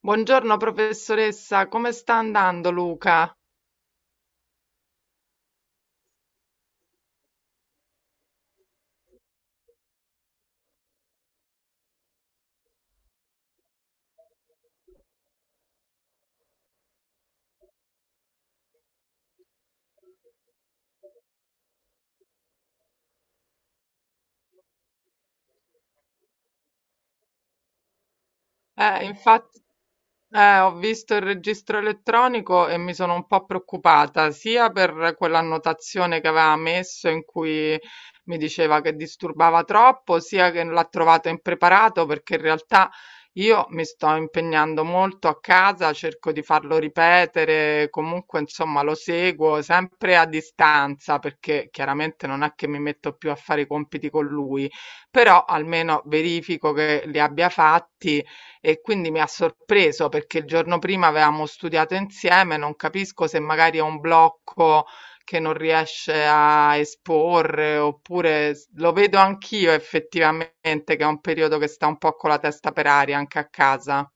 Buongiorno professoressa, come sta andando Luca? Infatti, ho visto il registro elettronico e mi sono un po' preoccupata, sia per quell'annotazione che aveva messo in cui mi diceva che disturbava troppo, sia che l'ha trovato impreparato, perché in realtà io mi sto impegnando molto a casa, cerco di farlo ripetere, comunque insomma lo seguo sempre a distanza, perché chiaramente non è che mi metto più a fare i compiti con lui, però almeno verifico che li abbia fatti e quindi mi ha sorpreso perché il giorno prima avevamo studiato insieme, non capisco se magari è un blocco che non riesce a esporre, oppure s- lo vedo anch'io effettivamente che è un periodo che sta un po' con la testa per aria anche a casa.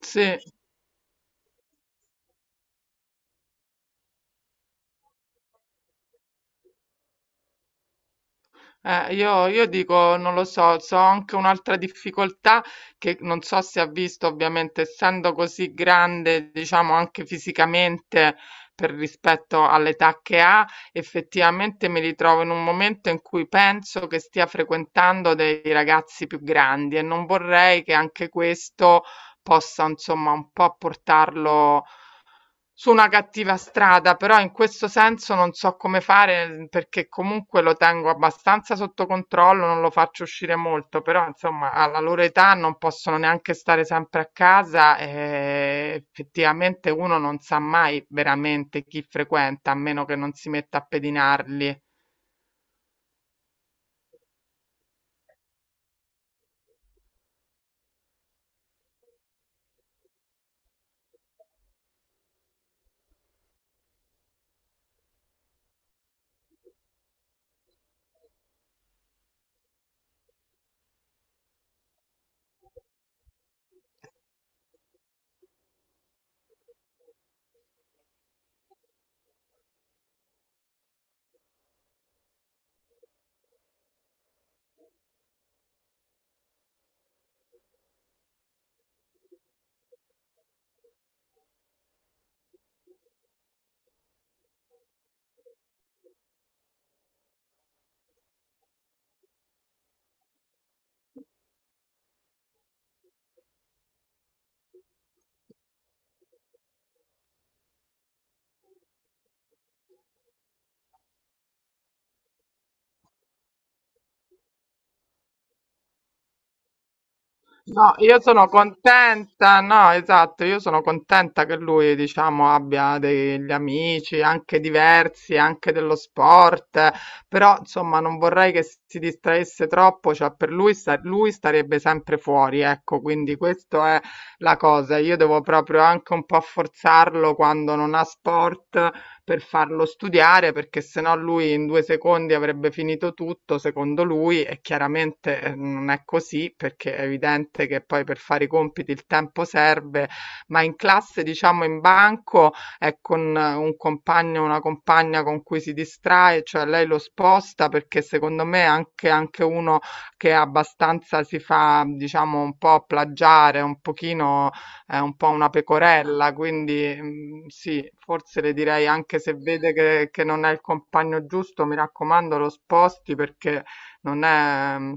Sì. Io dico, non lo so, so anche un'altra difficoltà che non so se ha visto, ovviamente, essendo così grande, diciamo anche fisicamente per rispetto all'età che ha, effettivamente mi ritrovo in un momento in cui penso che stia frequentando dei ragazzi più grandi e non vorrei che anche questo possa, insomma, un po' portarlo su una cattiva strada, però in questo senso non so come fare, perché comunque lo tengo abbastanza sotto controllo, non lo faccio uscire molto, però insomma alla loro età non possono neanche stare sempre a casa e effettivamente uno non sa mai veramente chi frequenta, a meno che non si metta a pedinarli. No, io sono contenta, no, esatto, io sono contenta che lui, diciamo, abbia degli amici anche diversi, anche dello sport, però insomma non vorrei che si distraesse troppo, cioè per lui, sta- lui starebbe sempre fuori, ecco, quindi questa è la cosa, io devo proprio anche un po' forzarlo quando non ha sport, per farlo studiare perché sennò lui in due secondi avrebbe finito tutto, secondo lui, e chiaramente non è così perché è evidente che poi per fare i compiti il tempo serve, ma in classe, diciamo in banco, è con un compagno o una compagna con cui si distrae, cioè lei lo sposta perché secondo me anche uno che abbastanza si fa, diciamo, un po' plagiare, un pochino è un po' una pecorella, quindi mm, sì, forse le direi anche se vede che non è il compagno giusto, mi raccomando, lo sposti perché non è... Mm.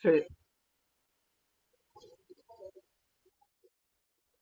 Sì.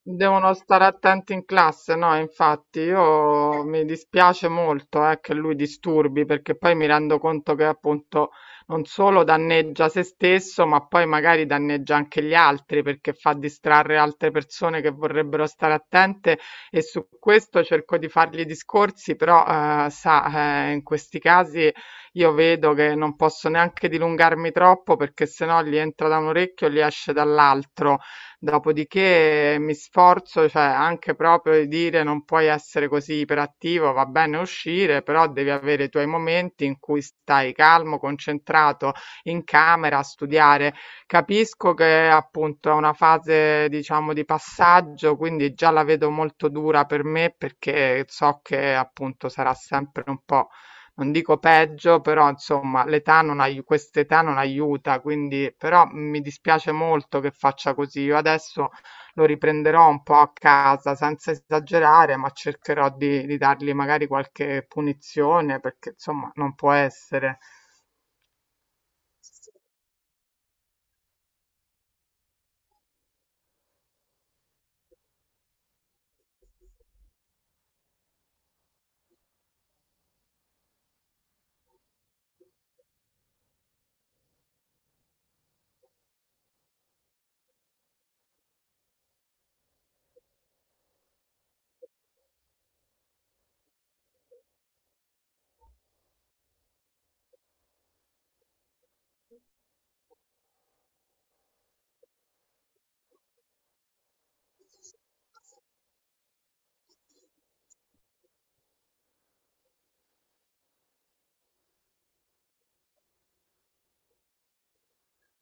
Devono stare attenti in classe, no, infatti io mi dispiace molto che lui disturbi perché poi mi rendo conto che appunto non solo danneggia se stesso, ma poi magari danneggia anche gli altri perché fa distrarre altre persone che vorrebbero stare attente e su questo cerco di fargli discorsi, però sa, in questi casi io vedo che non posso neanche dilungarmi troppo perché sennò gli entra da un orecchio e gli esce dall'altro. Dopodiché mi sforzo, cioè anche proprio di dire non puoi essere così iperattivo, va bene uscire, però devi avere i tuoi momenti in cui stai calmo, concentrato in camera a studiare. Capisco che appunto è una fase, diciamo, di passaggio, quindi già la vedo molto dura per me perché so che appunto sarà sempre un po'. Non dico peggio, però insomma l'età non ai- quest'età non aiuta, quindi però mm, mi dispiace molto che faccia così. Io adesso lo riprenderò un po' a casa senza esagerare, ma cercherò di dargli magari qualche punizione perché insomma non può essere.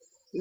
Sì.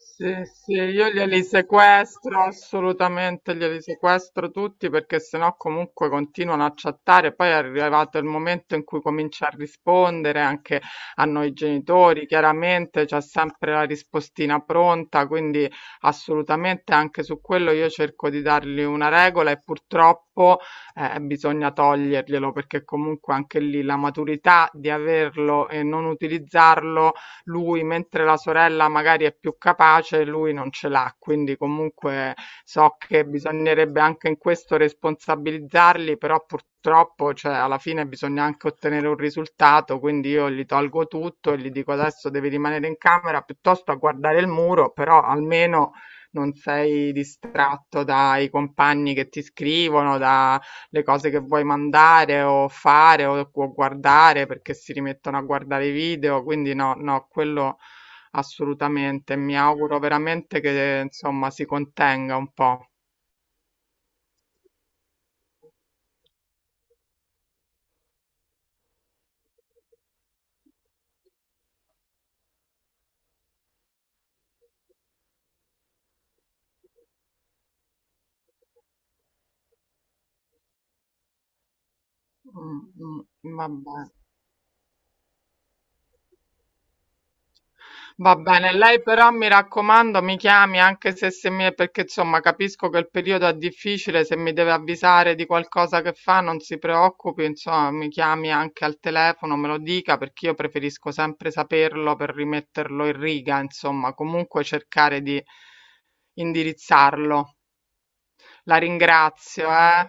Sì, sì, io glieli sequestro, assolutamente glieli sequestro tutti perché sennò comunque continuano a chattare. Poi è arrivato il momento in cui comincia a rispondere anche a noi genitori, chiaramente c'è sempre la rispostina pronta, quindi assolutamente anche su quello io cerco di dargli una regola e purtroppo bisogna toglierglielo perché comunque anche lì la maturità di averlo e non utilizzarlo lui, mentre la sorella magari è più capace, lui non ce l'ha. Quindi comunque so che bisognerebbe anche in questo responsabilizzarli, però purtroppo, cioè, alla fine bisogna anche ottenere un risultato, quindi io gli tolgo tutto e gli dico adesso devi rimanere in camera piuttosto a guardare il muro, però almeno non sei distratto dai compagni che ti scrivono, da le cose che vuoi mandare o fare o guardare perché si rimettono a guardare i video, quindi no, no, quello assolutamente. Mi auguro veramente che insomma si contenga un po'. Mm, mm, vabbè. Va bene, lei però mi raccomando, mi chiami anche se mi... perché insomma capisco che il periodo è difficile, se mi deve avvisare di qualcosa che fa non si preoccupi, insomma mi chiami anche al telefono, me lo dica perché io preferisco sempre saperlo per rimetterlo in riga, insomma comunque cercare di indirizzarlo. La ringrazio, eh.